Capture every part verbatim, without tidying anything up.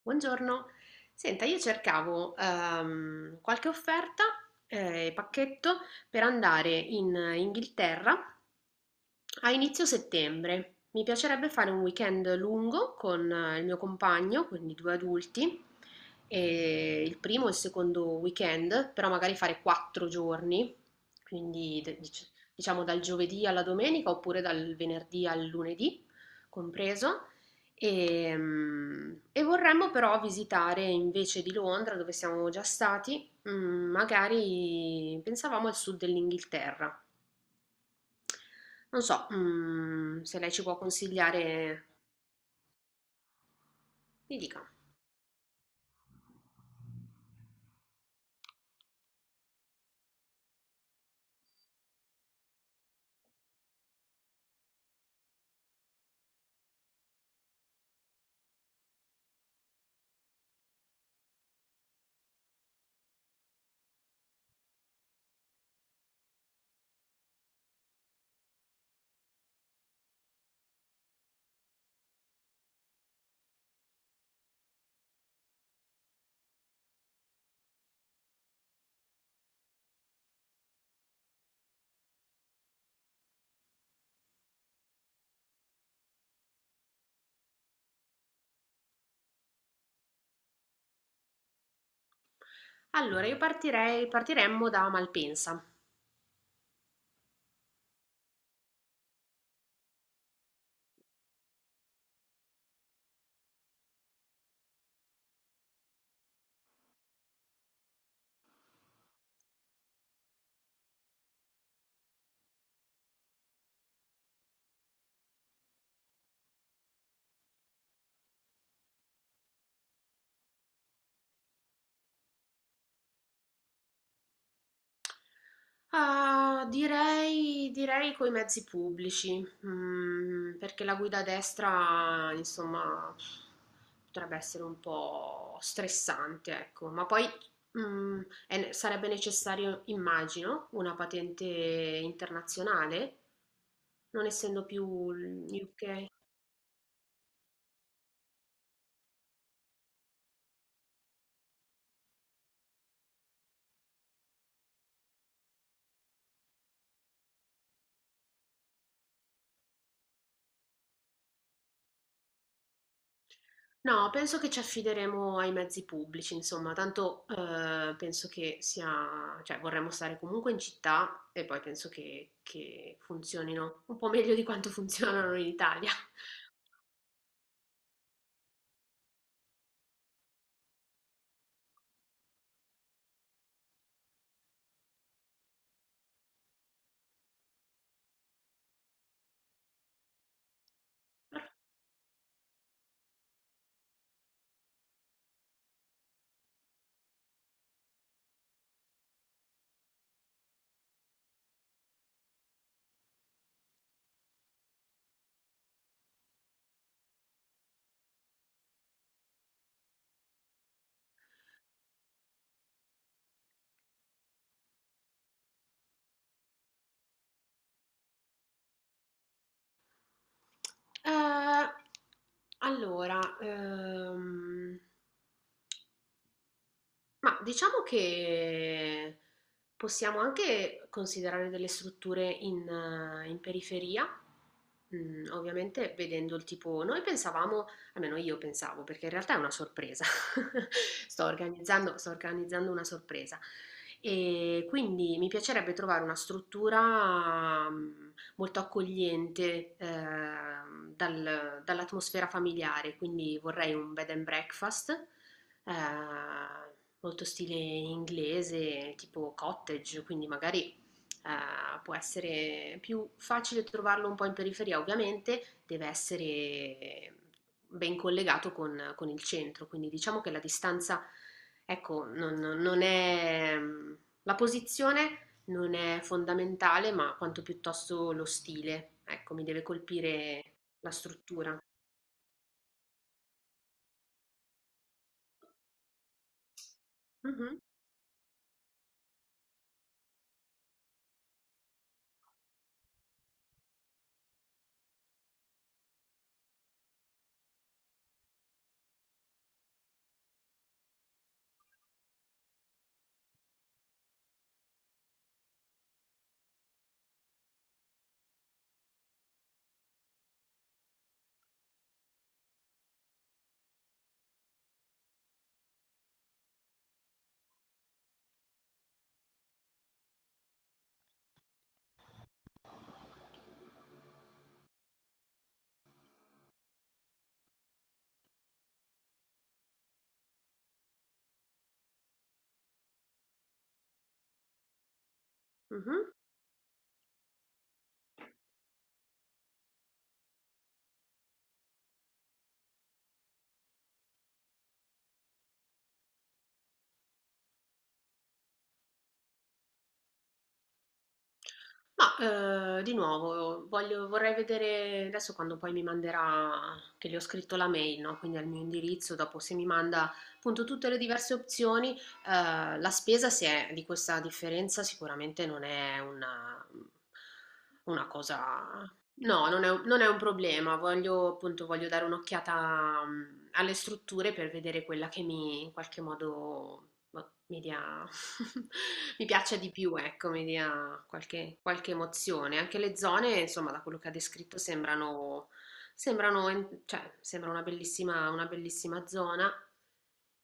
Buongiorno, senta, io cercavo ehm, qualche offerta, eh, pacchetto per andare in Inghilterra a inizio settembre. Mi piacerebbe fare un weekend lungo con eh, il mio compagno, quindi due adulti, e il primo e il secondo weekend, però magari fare quattro giorni, quindi de- dic- diciamo dal giovedì alla domenica oppure dal venerdì al lunedì compreso. E, mm, e vorremmo però visitare invece di Londra, dove siamo già stati, mm, magari pensavamo al sud dell'Inghilterra. Non so, mm, se lei ci può consigliare, mi dica. Allora, io partirei, partiremmo da Malpensa. Ah, direi, direi coi mezzi pubblici, mm, perché la guida a destra, insomma, potrebbe essere un po' stressante, ecco, ma poi mm, è ne- sarebbe necessario, immagino, una patente internazionale, non essendo più il U K. No, penso che ci affideremo ai mezzi pubblici, insomma, tanto eh, penso che sia, cioè vorremmo stare comunque in città e poi penso che, che funzionino un po' meglio di quanto funzionano in Italia. Eh, allora, ehm, Ma diciamo che possiamo anche considerare delle strutture in, eh, in periferia, mm, ovviamente vedendo il tipo, noi pensavamo, almeno io pensavo, perché in realtà è una sorpresa, sto organizzando, sto organizzando una sorpresa e quindi mi piacerebbe trovare una struttura mm, molto accogliente ehm, dal- dall'atmosfera familiare, quindi vorrei un bed and breakfast eh, molto stile inglese, tipo cottage, quindi magari eh, può essere più facile trovarlo un po' in periferia, ovviamente deve essere ben collegato con, con il centro, quindi diciamo che la distanza, ecco, non, non- non è... La posizione non è fondamentale, ma quanto piuttosto lo stile, ecco, mi deve colpire la struttura. Mhm, mhm. Ma, ehm, di nuovo voglio vorrei vedere adesso quando poi mi manderà che le ho scritto la mail, no, quindi al mio indirizzo, dopo se mi manda appunto tutte le diverse opzioni, ehm, la spesa se è di questa differenza sicuramente non è una una cosa. No, non è, un non è un problema, voglio appunto voglio dare un'occhiata, mm, alle strutture per vedere quella che mi in qualche modo boh, mi dia, mi piaccia di più, ecco, mi dia qualche, qualche emozione. Anche le zone, insomma, da quello che ha descritto sembrano, sembrano, en- cioè, sembra una bellissima, una bellissima zona.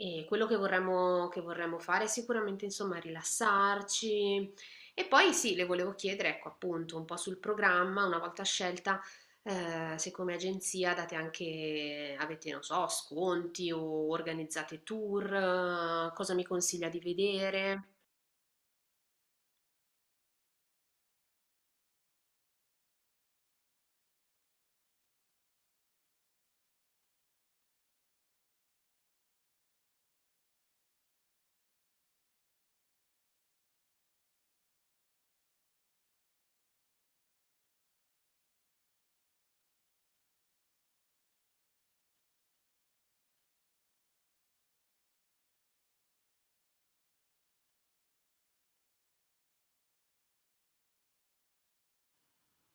E quello che vorremmo, che vorremmo fare è sicuramente, insomma, rilassarci, e poi sì, le volevo chiedere, ecco appunto, un po' sul programma, una volta scelta, eh, se come agenzia date anche, avete, non so, sconti o organizzate tour, eh, cosa mi consiglia di vedere?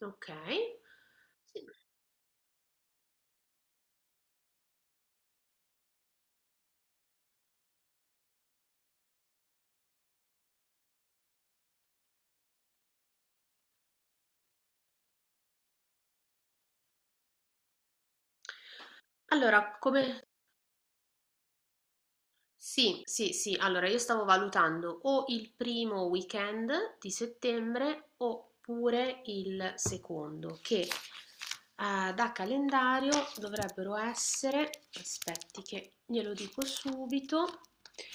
Ok. Sì. Allora, come... Sì, sì, sì. Allora, io stavo valutando o il primo weekend di settembre oppure il secondo, che eh, da calendario dovrebbero essere, aspetti che glielo dico subito,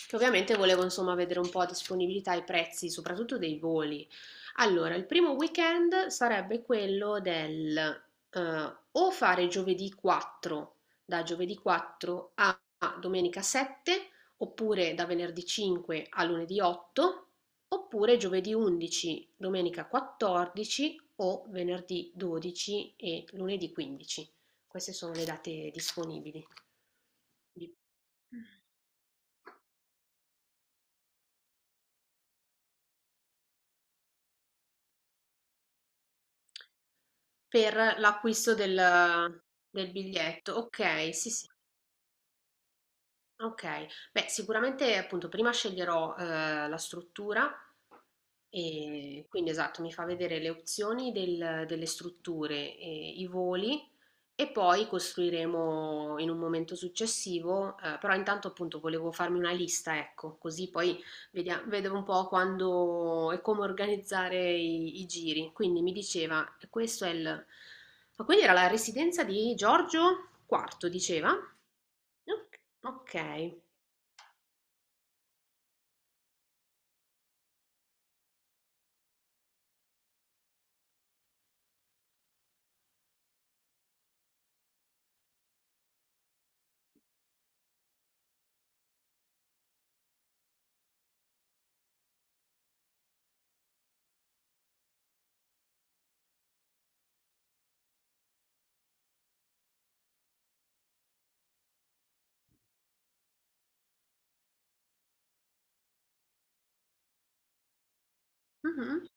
che ovviamente volevo insomma vedere un po' a disponibilità e i prezzi, soprattutto dei voli. Allora, il primo weekend sarebbe quello del eh, o fare giovedì quattro, da giovedì quattro a domenica sette oppure da venerdì cinque a lunedì otto, oppure giovedì undici, domenica quattordici o venerdì dodici e lunedì quindici. Queste sono le date disponibili Di- per l'acquisto del, del biglietto. Ok, sì, sì. Okay. Beh, sicuramente appunto prima sceglierò, ehm, la struttura, ehm, quindi esatto, mi fa vedere le opzioni del delle strutture e i voli e poi costruiremo in un momento successivo, ehm, però intanto appunto volevo farmi una lista, ecco, così poi Vedia- vedevo un po' quando e come organizzare i, i giri. Quindi mi diceva, questo è il... Ma quindi era la residenza di Giorgio quarto, diceva? Ok. Ok. Mhm.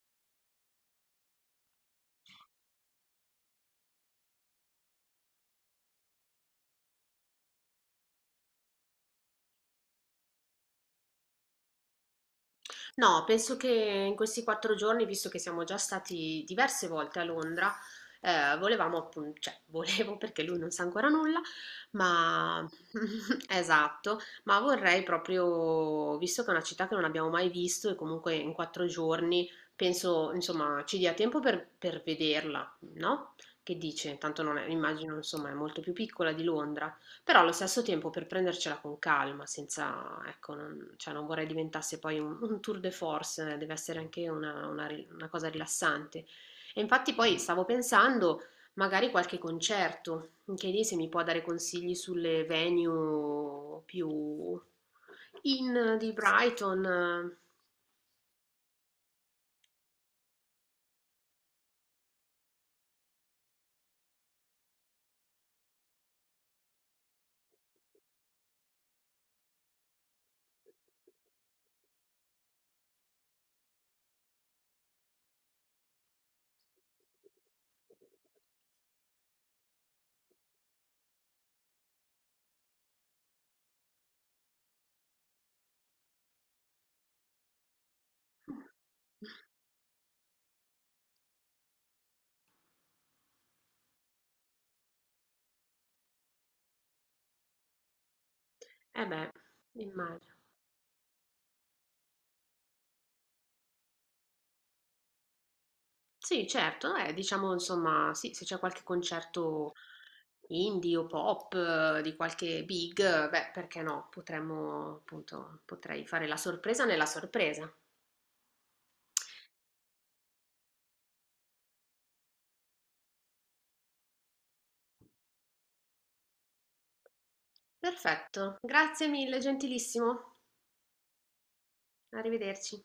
No, penso che in questi quattro giorni, visto che siamo già stati diverse volte a Londra, eh, volevamo appunto, cioè volevo perché lui non sa ancora nulla, ma esatto, ma vorrei proprio, visto che è una città che non abbiamo mai visto e comunque in quattro giorni penso, insomma, ci dia tempo per, per vederla, no? Che dice? Tanto non è, immagino, insomma, è molto più piccola di Londra. Però allo stesso tempo per prendercela con calma, senza, ecco, non, cioè non vorrei diventasse poi un, un tour de force, eh, deve essere anche una, una ri- una cosa rilassante. E infatti poi stavo pensando magari qualche concerto, anche lì se mi può dare consigli sulle venue più in di Brighton. Eh beh, immagino. Sì, certo, eh, diciamo insomma, sì, se c'è qualche concerto indie o pop eh, di qualche big, beh, perché no? Potremmo, appunto, potrei fare la sorpresa nella sorpresa. Perfetto, grazie mille, gentilissimo. Arrivederci.